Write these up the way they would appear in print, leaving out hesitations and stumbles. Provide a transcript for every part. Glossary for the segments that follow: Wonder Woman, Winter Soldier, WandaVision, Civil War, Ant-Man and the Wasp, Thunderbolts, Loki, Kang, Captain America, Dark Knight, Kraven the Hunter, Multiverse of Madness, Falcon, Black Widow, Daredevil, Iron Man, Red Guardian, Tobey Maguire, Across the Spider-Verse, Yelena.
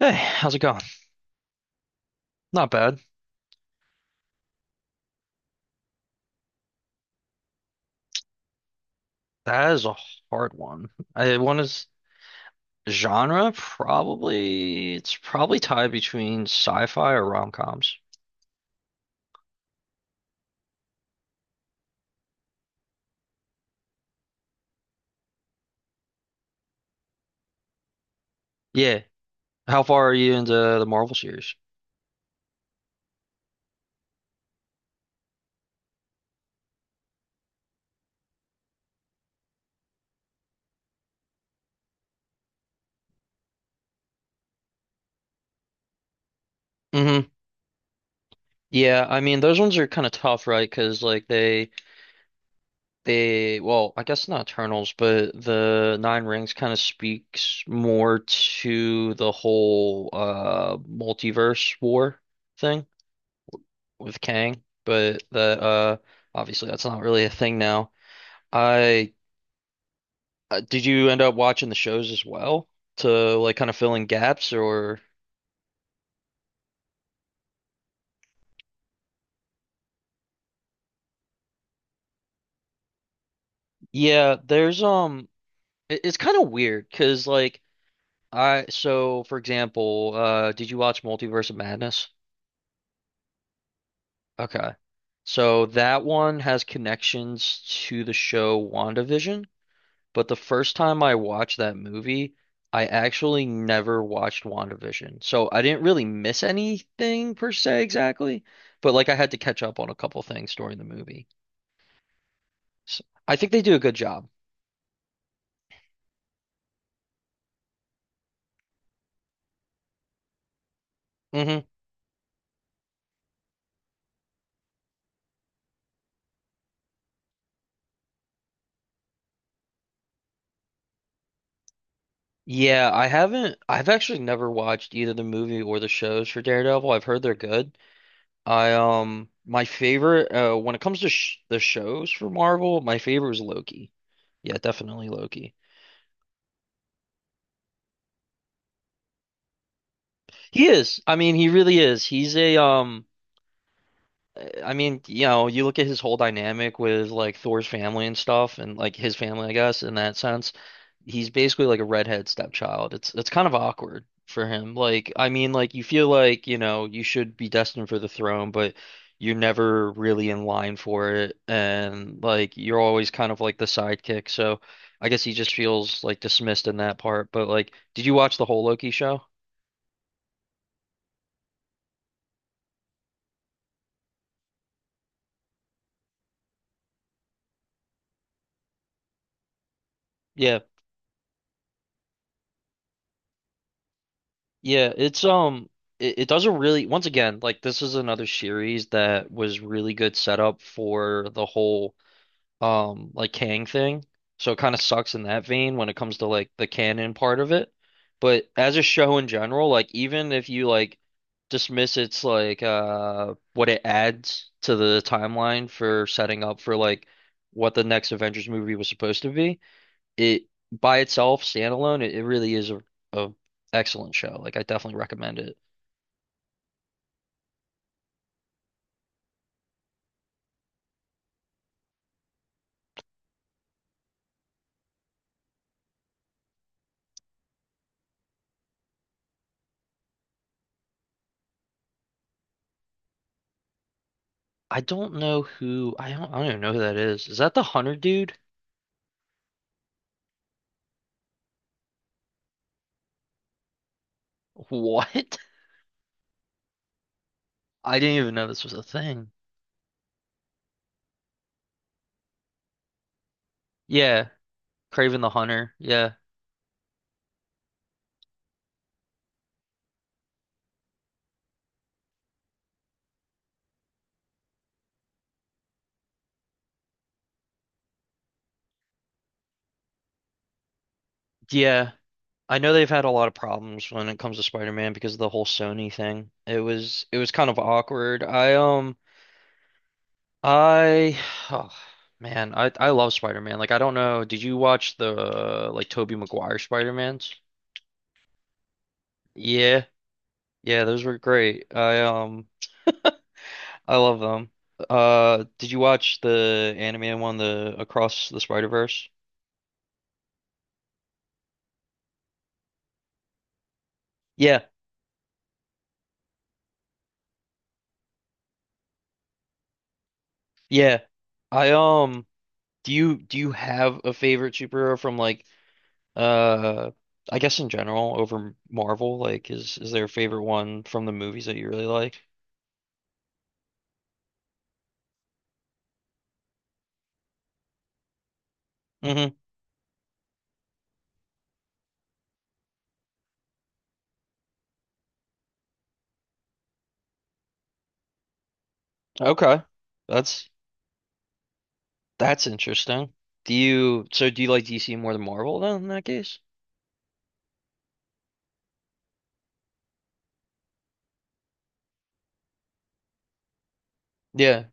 Hey, how's it going? Not bad. That is a hard one. I one is genre, probably it's probably tied between sci-fi or rom-coms. Yeah. How far are you into the Marvel series? hmm Yeah, I mean those ones are kind of tough, right? Because like they well, I guess not Eternals, but the Nine Rings kind of speaks more to the whole multiverse war thing. With Kang, but that obviously that's not really a thing now. I Did you end up watching the shows as well to like kind of fill in gaps? Or yeah, there's it's kind of weird 'cause like I so for example, did you watch Multiverse of Madness? Okay. So that one has connections to the show WandaVision. But the first time I watched that movie, I actually never watched WandaVision. So I didn't really miss anything per se exactly, but like I had to catch up on a couple things during the movie. So I think they do a good job. hmm Yeah, I've actually never watched either the movie or the shows for Daredevil. I've heard they're good. I My favorite when it comes to sh the shows for Marvel, my favorite is Loki. Yeah, definitely Loki. He is. I mean, he really is. He's a I mean, you know, you look at his whole dynamic with like Thor's family and stuff, and like his family, I guess, in that sense, he's basically like a redhead stepchild. It's kind of awkward for him. Like, I mean, like you feel like, you know, you should be destined for the throne, but you're never really in line for it, and like you're always kind of like the sidekick. So, I guess he just feels like dismissed in that part. But like, did you watch the whole Loki show? Yeah. Yeah, it's it does a really once again, like this is another series that was really good setup for the whole like Kang thing. So it kind of sucks in that vein when it comes to like the canon part of it. But as a show in general, like even if you like dismiss its like what it adds to the timeline for setting up for like what the next Avengers movie was supposed to be it by itself, standalone, it really is a excellent show. Like I definitely recommend it. I don't even know who that is. Is that the Hunter dude? What? I didn't even know this was a thing. Yeah, Kraven the Hunter. Yeah. Yeah. I know they've had a lot of problems when it comes to Spider-Man because of the whole Sony thing. It was kind of awkward. I oh, man, I love Spider-Man. Like I don't know, did you watch the like Tobey Maguire Spider-Mans? Yeah. Yeah, those were great. I love them. Did you watch the anime one, the Across the Spider-Verse? Yeah. Yeah. I Do you have a favorite superhero from like uh I guess in general over Marvel? Like is there a favorite one from the movies that you really like? hmm Okay. That's that's interesting. Do you do you like DC more than Marvel then in that case? Yeah.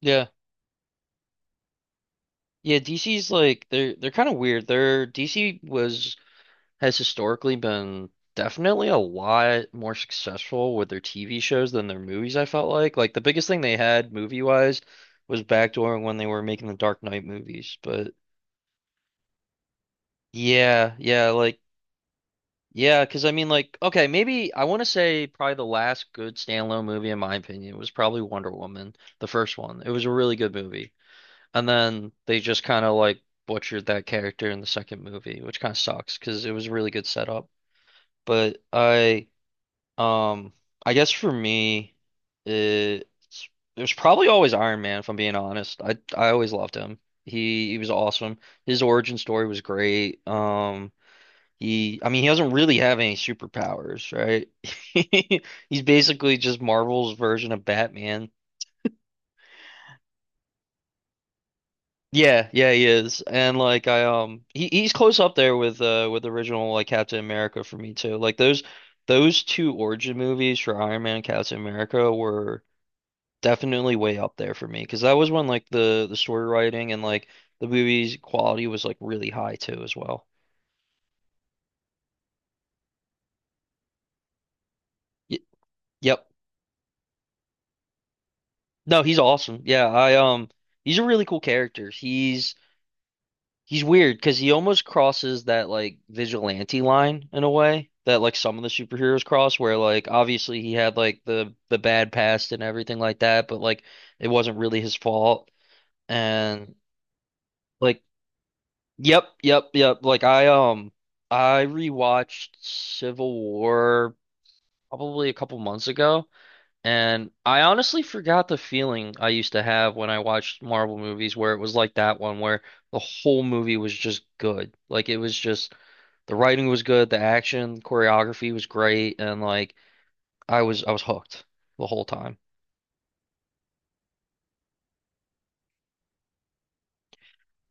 Yeah. Yeah, DC's like they're kind of weird. Their DC was Has historically been definitely a lot more successful with their TV shows than their movies, I felt like. Like the biggest thing they had movie-wise was backdooring when they were making the Dark Knight movies. But yeah, yeah, like yeah, 'cause I mean like okay, maybe I want to say probably the last good standalone movie in my opinion was probably Wonder Woman, the first one. It was a really good movie. And then they just kind of like butchered that character in the second movie, which kind of sucks because it was a really good setup. But I, um, I guess for me, it, it was probably always Iron Man, if I'm being honest. I always loved him. He was awesome. His origin story was great. He I mean he doesn't really have any superpowers, right? He's basically just Marvel's version of Batman. Yeah, yeah, he is. And like I he's close up there with the original like Captain America for me too. Like those two origin movies for Iron Man and Captain America were definitely way up there for me because that was when like the story writing and like the movie's quality was like really high too as well. Y Yep. No, he's awesome. Yeah, I he's a really cool character. He's weird because he almost crosses that like vigilante line in a way that like some of the superheroes cross, where like obviously he had like the bad past and everything like that, but like it wasn't really his fault. And like, yep, yep, yep. Like I rewatched Civil War probably a couple months ago. And I honestly forgot the feeling I used to have when I watched Marvel movies where it was like that one where the whole movie was just good. Like it was just the writing was good, the action, choreography was great, and like I was hooked the whole time.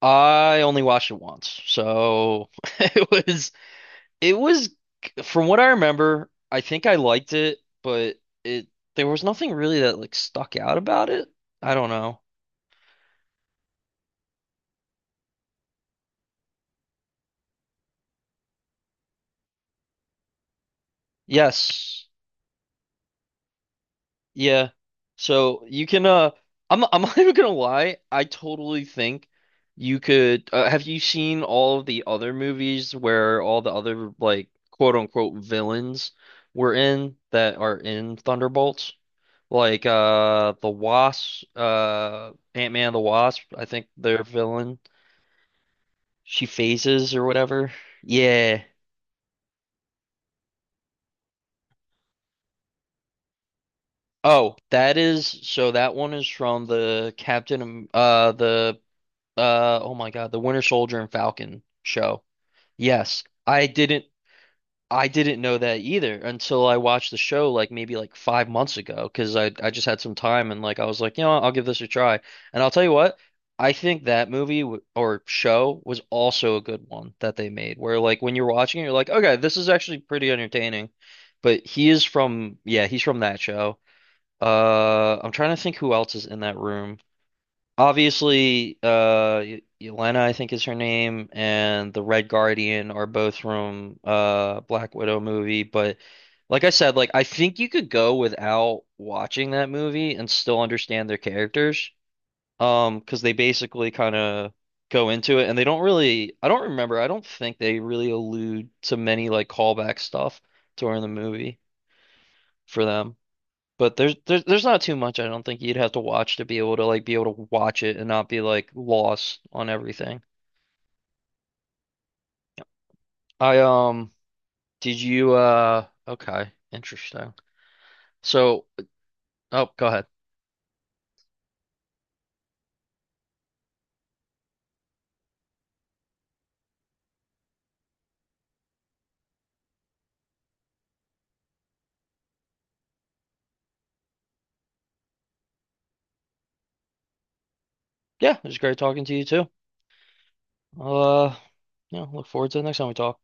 I only watched it once. So it was it was from what I remember, I think I liked it, but it there was nothing really that like stuck out about it. I don't know. Yes. Yeah. So you can I'm not even gonna lie, I totally think you could have you seen all of the other movies where all the other like quote unquote villains were in that are in Thunderbolts? Like the Wasp Ant-Man and the Wasp, I think their villain. She phases or whatever. Yeah. Oh, that is so that one is from the Captain Am- the oh my God, the Winter Soldier and Falcon show. Yes, I didn't know that either until I watched the show like maybe like 5 months ago because I just had some time and like I was like, you know what, I'll give this a try. And I'll tell you what, I think that movie w or show was also a good one that they made where like when you're watching it, you're like, okay, this is actually pretty entertaining. But he is from, yeah, he's from that show. I'm trying to think who else is in that room. Obviously, Yelena, I think is her name, and the Red Guardian are both from Black Widow movie. But like I said, like I think you could go without watching that movie and still understand their characters, because they basically kind of go into it, and they don't really. I don't remember. I don't think they really allude to many like callback stuff during the movie for them. But there's not too much I don't think you'd have to watch to be able to be able to watch it and not be like lost on everything. I did you okay, interesting. So, oh, go ahead. Yeah, it was great talking to you too. Uh, yeah, look forward to the next time we talk.